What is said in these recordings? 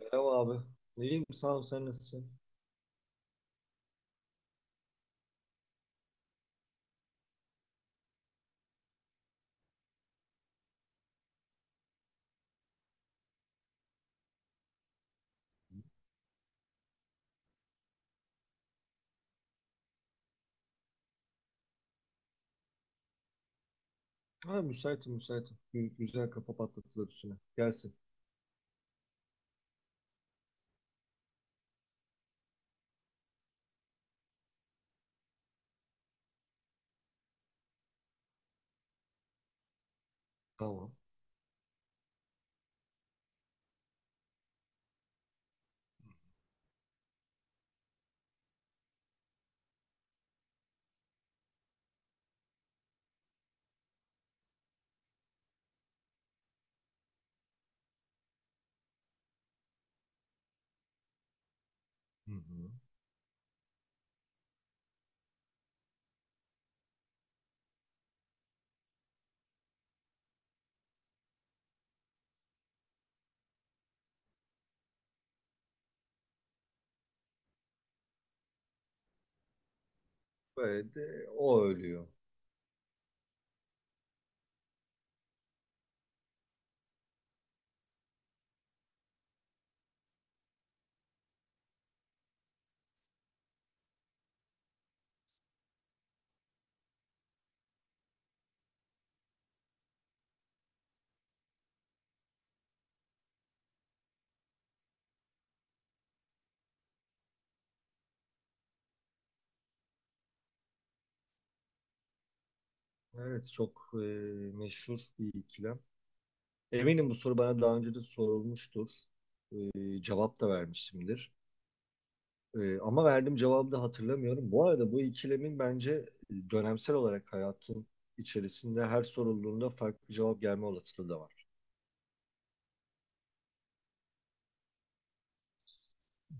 Merhaba abi. İyiyim sağ ol, sen nasılsın? Ha, müsaitim müsaitim. Güzel, kafa patlatılır üstüne. Gelsin. Tamam. Hı hı. Böyle de o ölüyor. Evet, çok meşhur bir ikilem. Eminim bu soru bana daha önce de sorulmuştur. Cevap da vermişimdir. Ama verdiğim cevabı da hatırlamıyorum. Bu arada bu ikilemin bence dönemsel olarak hayatın içerisinde her sorulduğunda farklı cevap gelme olasılığı da var.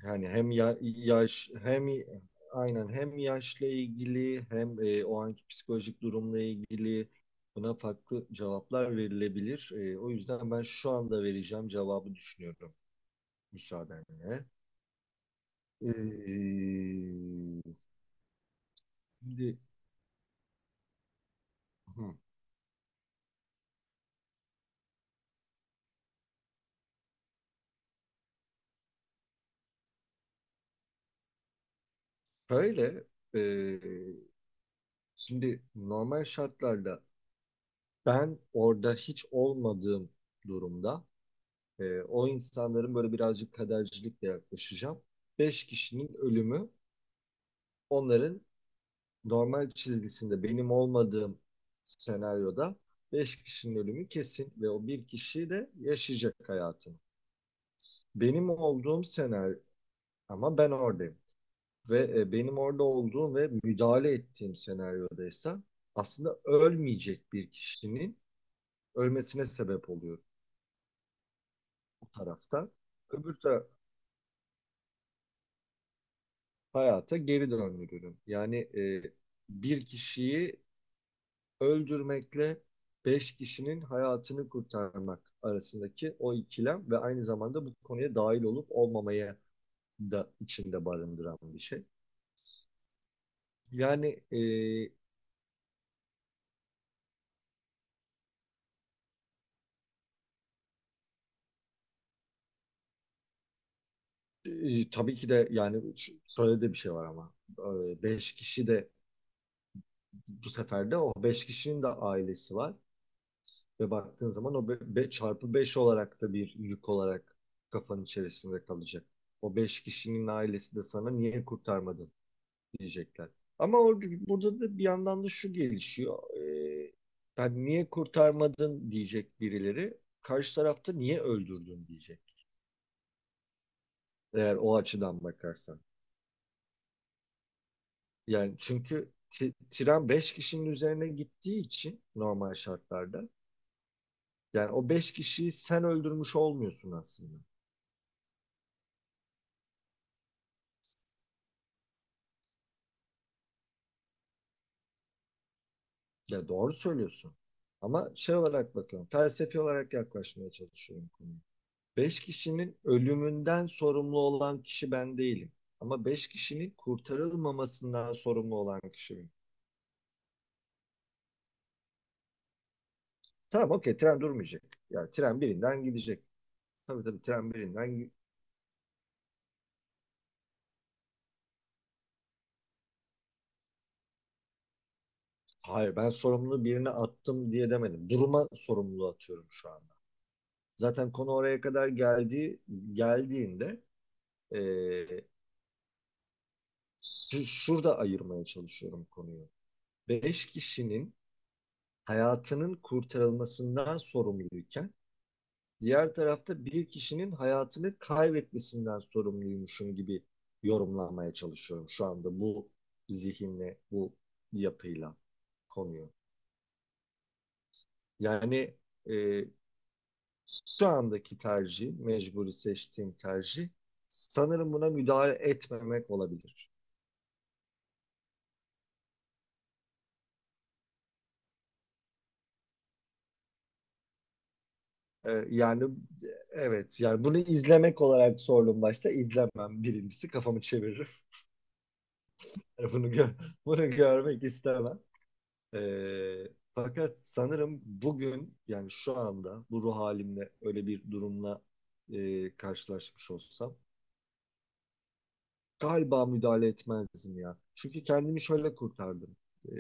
Yani hem yaş hem aynen, hem yaşla ilgili hem o anki psikolojik durumla ilgili buna farklı cevaplar verilebilir. O yüzden ben şu anda vereceğim cevabı düşünüyorum, müsaadenle. E, Şimdi hı, şöyle e, şimdi normal şartlarda ben orada hiç olmadığım durumda o insanların böyle birazcık kadercilikle yaklaşacağım. Beş kişinin ölümü, onların normal çizgisinde, benim olmadığım senaryoda 5 kişinin ölümü kesin ve o bir kişi de yaşayacak hayatını. Benim olduğum senaryo, ama ben oradayım ve benim orada olduğum ve müdahale ettiğim senaryodaysa aslında ölmeyecek bir kişinin ölmesine sebep oluyor bu tarafta. Öbür taraf hayata geri döndürüyorum. Yani bir kişiyi öldürmekle beş kişinin hayatını kurtarmak arasındaki o ikilem ve aynı zamanda bu konuya dahil olup olmamaya da içinde barındıran bir şey. Yani tabii ki de, yani şöyle de bir şey var ama beş kişi de, bu sefer de o beş kişinin de ailesi var ve baktığın zaman o çarpı beş olarak da bir yük olarak kafanın içerisinde kalacak. O beş kişinin ailesi de sana niye kurtarmadın diyecekler. Ama orada, burada da bir yandan da şu gelişiyor. Yani niye kurtarmadın diyecek birileri. Karşı tarafta niye öldürdün diyecek. Eğer o açıdan bakarsan. Yani çünkü tren 5 kişinin üzerine gittiği için normal şartlarda. Yani o 5 kişiyi sen öldürmüş olmuyorsun aslında. Ya, doğru söylüyorsun. Ama şey olarak bakıyorum, felsefi olarak yaklaşmaya çalışıyorum konuya. Beş kişinin ölümünden sorumlu olan kişi ben değilim. Ama beş kişinin kurtarılmamasından sorumlu olan kişi benim. Tamam, okey, tren durmayacak. Yani tren birinden gidecek. Tabii tabii, tren birinden. Hayır, ben sorumluluğu birine attım diye demedim. Duruma sorumluluğu atıyorum şu anda. Zaten konu oraya kadar geldiğinde eee, şurada ayırmaya çalışıyorum konuyu. Beş kişinin hayatının kurtarılmasından sorumluyken diğer tarafta bir kişinin hayatını kaybetmesinden sorumluymuşum gibi yorumlanmaya çalışıyorum şu anda bu zihinle, bu yapıyla konuyu. Yani e, şu andaki tercih, mecburi seçtiğim tercih sanırım buna müdahale etmemek olabilir. E, yani e, evet, yani bunu izlemek olarak sordum başta. İzlemem birincisi, kafamı çeviririm. Bunu gö- bunu görmek istemem. Ee, Fakat sanırım bugün, yani şu anda bu ruh halimle öyle bir durumla karşılaşmış olsam galiba müdahale etmezdim ya. Çünkü kendimi şöyle kurtardım. Ee,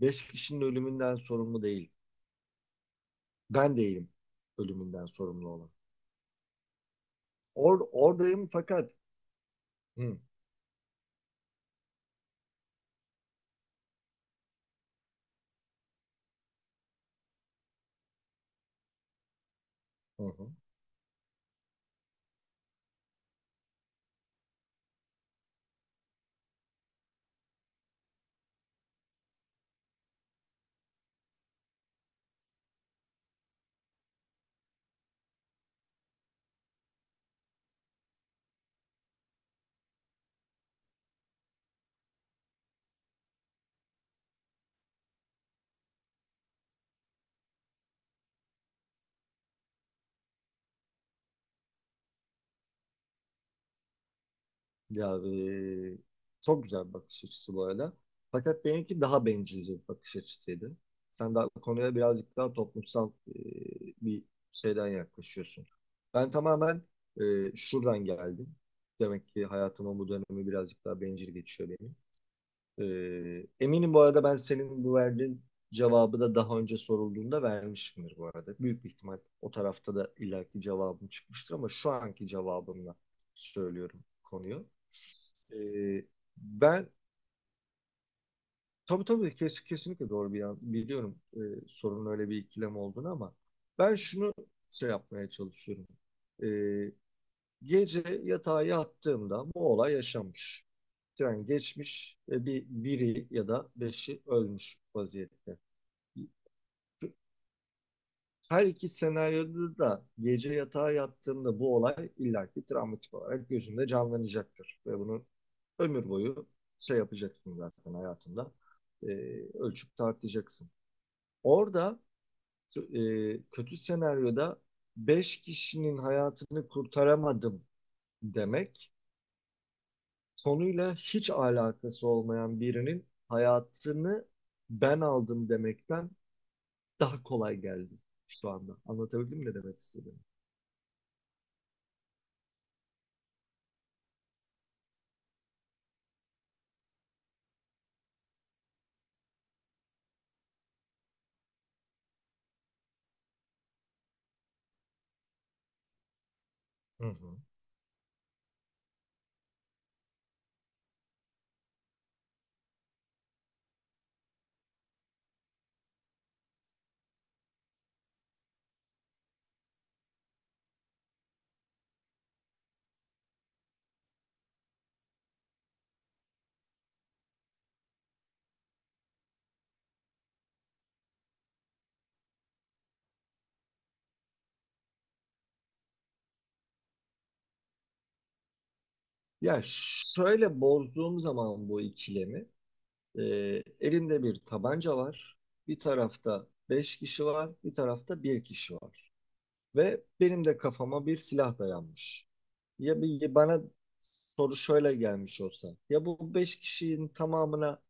Beş kişinin ölümünden sorumlu değil. Ben değilim ölümünden sorumlu olan. Oradayım fakat hı, hı. Ya e, çok güzel bir bakış açısı bu arada. Fakat benimki daha bencilce bir bakış açısıydı. Sen daha konuya birazcık daha toplumsal bir şeyden yaklaşıyorsun. Ben tamamen şuradan geldim. Demek ki hayatımın bu dönemi birazcık daha bencil geçiyor benim. Eminim bu arada ben senin bu verdiğin cevabı da daha önce sorulduğunda vermişimdir bu arada. Büyük bir ihtimal o tarafta da ileriki cevabım çıkmıştır ama şu anki cevabımla söylüyorum konuyu. Ee, Ben tabii tabii, kesinlikle doğru bir biliyorum sorunun öyle bir ikilem olduğunu, ama ben şunu şey yapmaya çalışıyorum. Ee, Gece yatağa yattığımda bu olay yaşanmış. Tren geçmiş ve bir biri ya da beşi ölmüş vaziyette. Her iki senaryoda da gece yatağa yattığında bu olay illaki travmatik olarak gözünde canlanacaktır. Ve bunu ömür boyu şey yapacaksın zaten hayatında. E, Ölçüp tartacaksın. Orada kötü senaryoda beş kişinin hayatını kurtaramadım demek, konuyla hiç alakası olmayan birinin hayatını ben aldım demekten daha kolay geldi şu anda. Anlatabildim mi ne demek istediğimi? Hı hı. Ya şöyle, bozduğum zaman bu ikilemi, e, elimde bir tabanca var. Bir tarafta beş kişi var, bir tarafta bir kişi var. Ve benim de kafama bir silah dayanmış. Ya bir, bana soru şöyle gelmiş olsa. Ya bu beş kişinin tamamına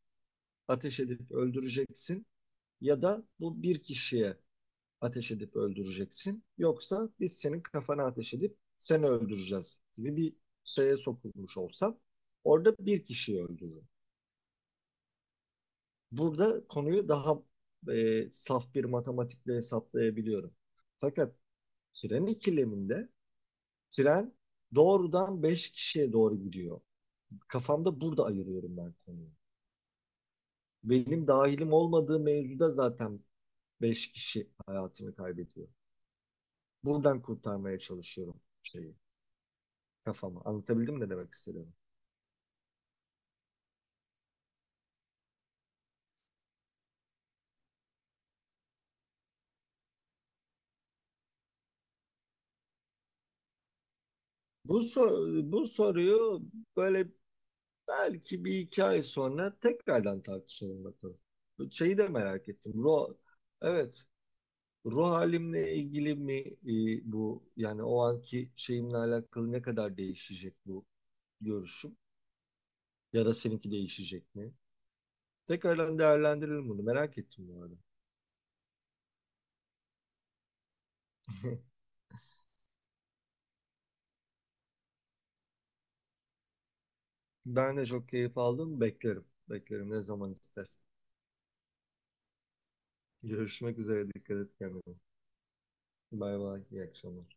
ateş edip öldüreceksin ya da bu bir kişiye ateş edip öldüreceksin. Yoksa biz senin kafana ateş edip seni öldüreceğiz gibi bir şeye sokulmuş olsam, orada bir kişiyi öldürürüm. Burada konuyu daha saf bir matematikle hesaplayabiliyorum. Fakat tren ikileminde tren doğrudan 5 kişiye doğru gidiyor. Kafamda burada ayırıyorum ben konuyu. Benim dahilim olmadığı mevzuda zaten 5 kişi hayatını kaybediyor. Buradan kurtarmaya çalışıyorum şeyi kafama. Anlatabildim mi ne demek istediğimi? Bu, bu soruyu böyle belki bir iki ay sonra tekrardan tartışalım bakalım. Bu şeyi de merak ettim. Evet, ruh halimle ilgili mi bu, yani o anki şeyimle alakalı ne kadar değişecek bu görüşüm ya da seninki değişecek mi? Tekrardan değerlendirelim bunu. Merak ettim bu arada. Ben de çok keyif aldım. Beklerim. Beklerim ne zaman istersen. Görüşmek üzere. Dikkat et kendine. Bay bay. İyi akşamlar.